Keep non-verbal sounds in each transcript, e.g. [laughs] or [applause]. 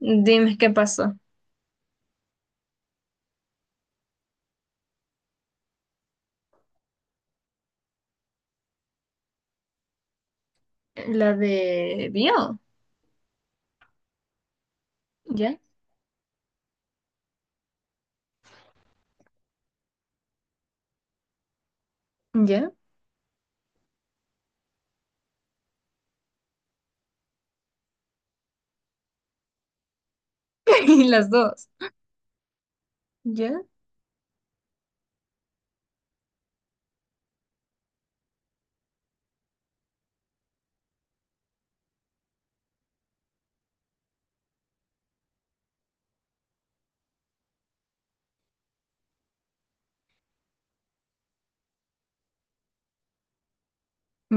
Dime qué pasó. La de Bio. Ya, ya. [laughs] Y las dos. Ya,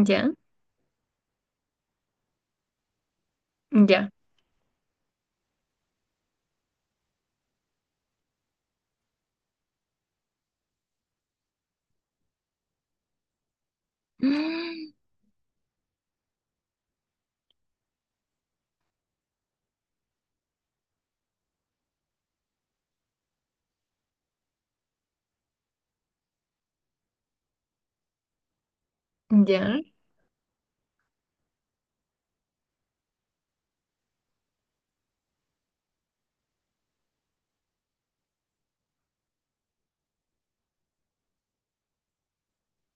ya, ya. Ya,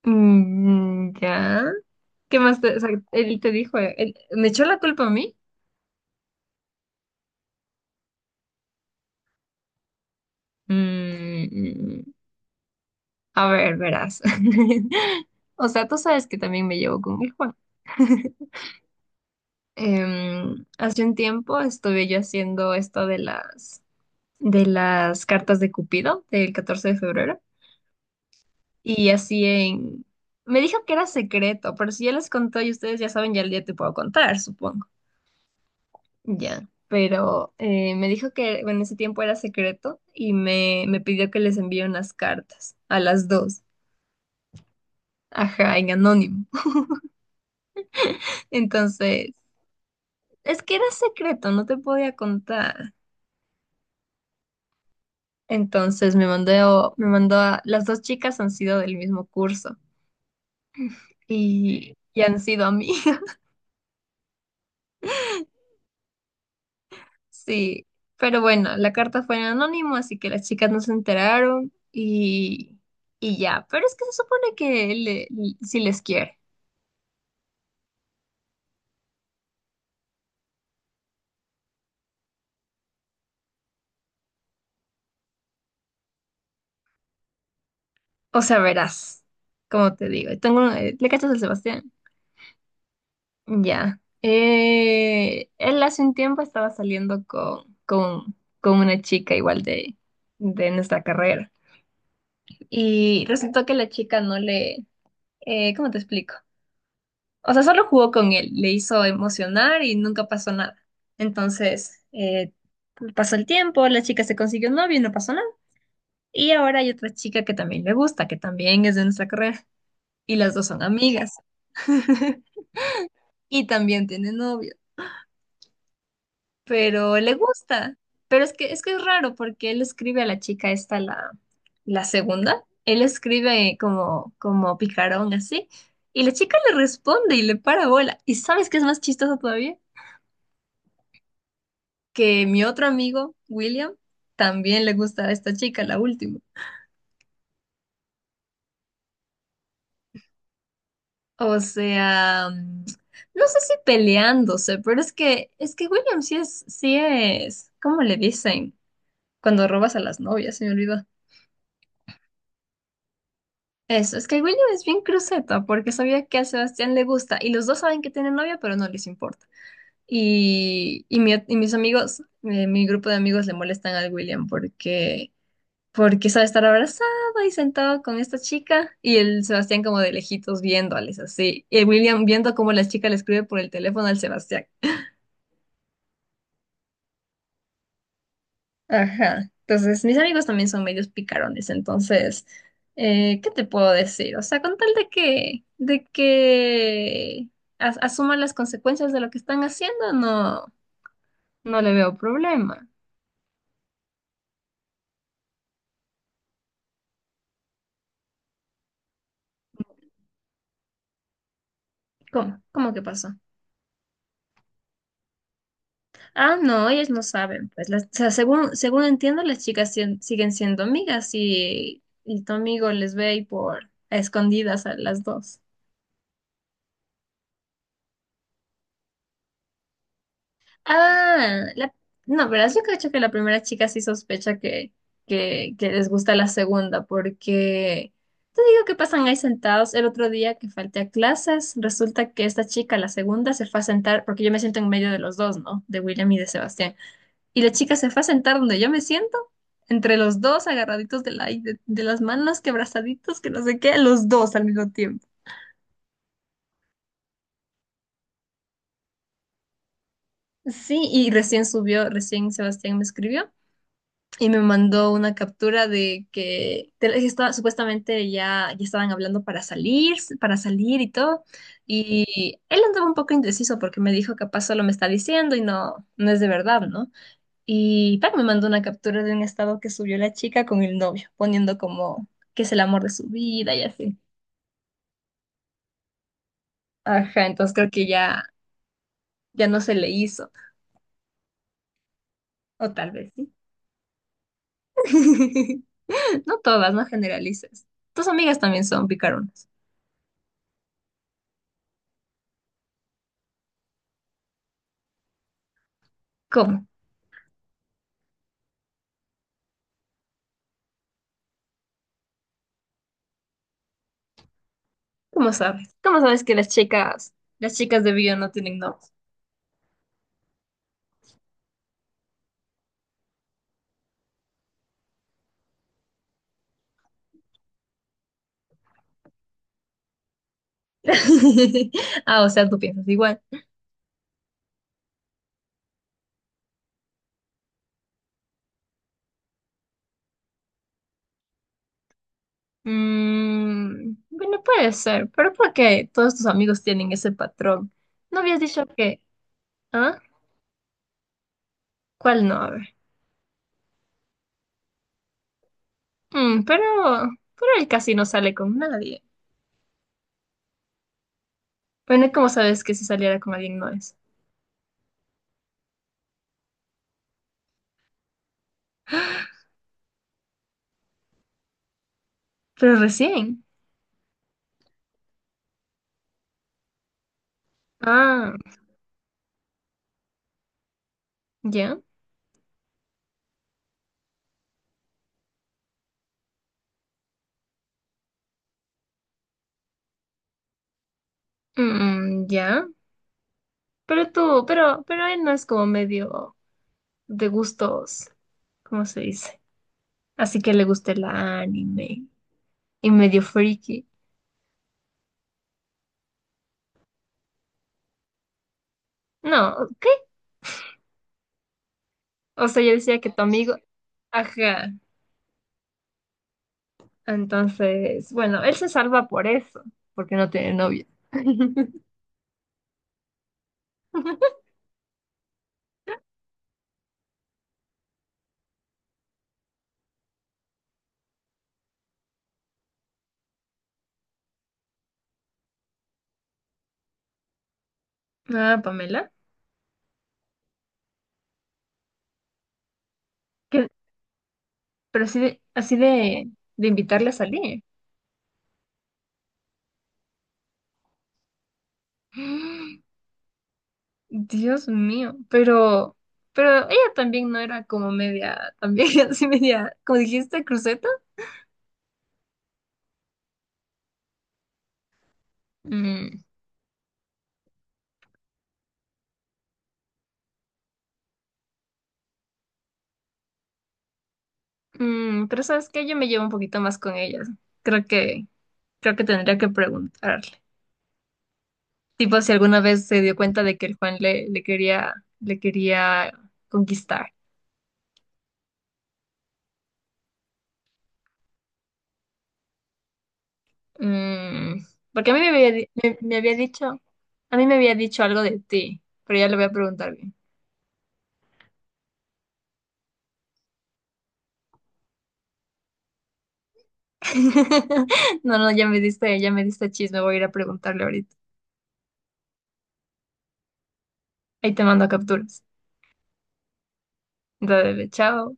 mm, ya. ¿Qué más te, o sea, él te dijo? ¿Me echó la culpa a mí? Mm, a ver, verás. [laughs] O sea, tú sabes que también me llevo con el Juan. [laughs] Hace un tiempo estuve yo haciendo esto de las, cartas de Cupido del 14 de febrero. Y así en. Me dijo que era secreto, pero si ya les contó y ustedes ya saben, ya, ya te puedo contar, supongo. Ya. Pero me dijo que en ese tiempo era secreto y me pidió que les envíe unas cartas a las dos. Ajá, en anónimo. [laughs] Entonces, es que era secreto, no te podía contar. Entonces me mandó a. Las dos chicas han sido del mismo curso y han sido amigas [laughs] Sí, pero bueno, la carta fue en anónimo, así que las chicas no se enteraron y ya. Pero es que se supone que si les quiere. O sea, verás, como te digo. Tengo, ¿le cachas al Sebastián? Ya. Él hace un tiempo estaba saliendo con una chica igual de nuestra carrera. Y resultó que la chica no le. ¿Cómo te explico? O sea, solo jugó con él, le hizo emocionar y nunca pasó nada. Entonces, pasó el tiempo, la chica se consiguió un novio y no pasó nada. Y ahora hay otra chica que también le gusta, que también es de nuestra carrera. Y las dos son amigas. [laughs] Y también tiene novio, pero le gusta. Pero es que es raro porque él escribe a la chica esta, la segunda. Él escribe como picarón así. Y la chica le responde y le para bola. ¿Y sabes qué es más chistoso todavía? Que mi otro amigo, William, también le gusta a esta chica, la última. O sea, no sé si peleándose, pero es que William sí es, ¿cómo le dicen? Cuando robas a las novias, se me olvidó. Eso, es que William es bien cruceta porque sabía que a Sebastián le gusta y los dos saben que tiene novia, pero no les importa. Y mis amigos, mi grupo de amigos le molestan al William porque sabe estar abrazado y sentado con esta chica y el Sebastián como de lejitos viéndoles así. Y el William viendo cómo la chica le escribe por el teléfono al Sebastián. Ajá. Entonces, mis amigos también son medios picarones, entonces, ¿qué te puedo decir? O sea, con tal de que asuman las consecuencias de lo que están haciendo, no, no le veo problema. ¿Cómo? ¿Cómo que pasó? Ah, no, ellas no saben, pues, o sea, según entiendo, las chicas siguen siendo amigas y tu amigo les ve y por a escondidas a las dos. Ah, no, verás, yo creo que la primera chica sí sospecha que les gusta la segunda, porque te digo que pasan ahí sentados. El otro día que falté a clases, resulta que esta chica, la segunda, se fue a sentar, porque yo me siento en medio de los dos, ¿no? De William y de Sebastián. Y la chica se fue a sentar donde yo me siento, entre los dos agarraditos de las manos, que abrazaditos, que no sé qué, los dos al mismo tiempo. Sí, y recién Sebastián me escribió y me mandó una captura que estaba, supuestamente ya estaban hablando para salir, y todo. Y él andaba un poco indeciso porque me dijo capaz solo me está diciendo y no, no es de verdad, ¿no? Y Pac me mandó una captura de un estado que subió la chica con el novio, poniendo como que es el amor de su vida y así. Ajá, entonces creo que ya, ya no se le hizo. O tal vez sí. [laughs] No todas, no generalices. Tus amigas también son picaronas. ¿Cómo? ¿Cómo sabes? ¿Cómo sabes que las chicas de bio no tienen novios? [laughs] Ah, o sea, tú piensas igual. Bueno, puede ser, pero ¿por qué todos tus amigos tienen ese patrón? ¿No habías dicho que...? ¿Ah? ¿Cuál no? A ver. Mm, pero, pero él casi no sale con nadie. Bueno, ¿cómo sabes que si saliera con alguien no es? Pero recién. Ah, ya. Mm, ya. Pero él no es como medio de gustos, ¿cómo se dice? Así que le gusta el anime y medio freaky. No, ¿qué? O sea, yo decía que tu amigo, ajá. Entonces, bueno, él se salva por eso, porque no tiene novia. [laughs] Ah, Pamela. ¿Qué-? Pero así de invitarle a salir. [gasps] Dios mío, pero ella también no era como media, también [laughs] así media, como dijiste, cruceta. Mm, mm, pero sabes que yo me llevo un poquito más con ellas. Creo que, creo que tendría que preguntarle. Tipo, si alguna vez se dio cuenta de que el Juan le quería conquistar. Mm, porque a mí me había, di- a mí me había dicho algo de ti, pero ya le voy a preguntar bien. [laughs] No, no, ya me diste, chisme, voy a ir a preguntarle ahorita. Ahí te mando capturas. Dale, chao.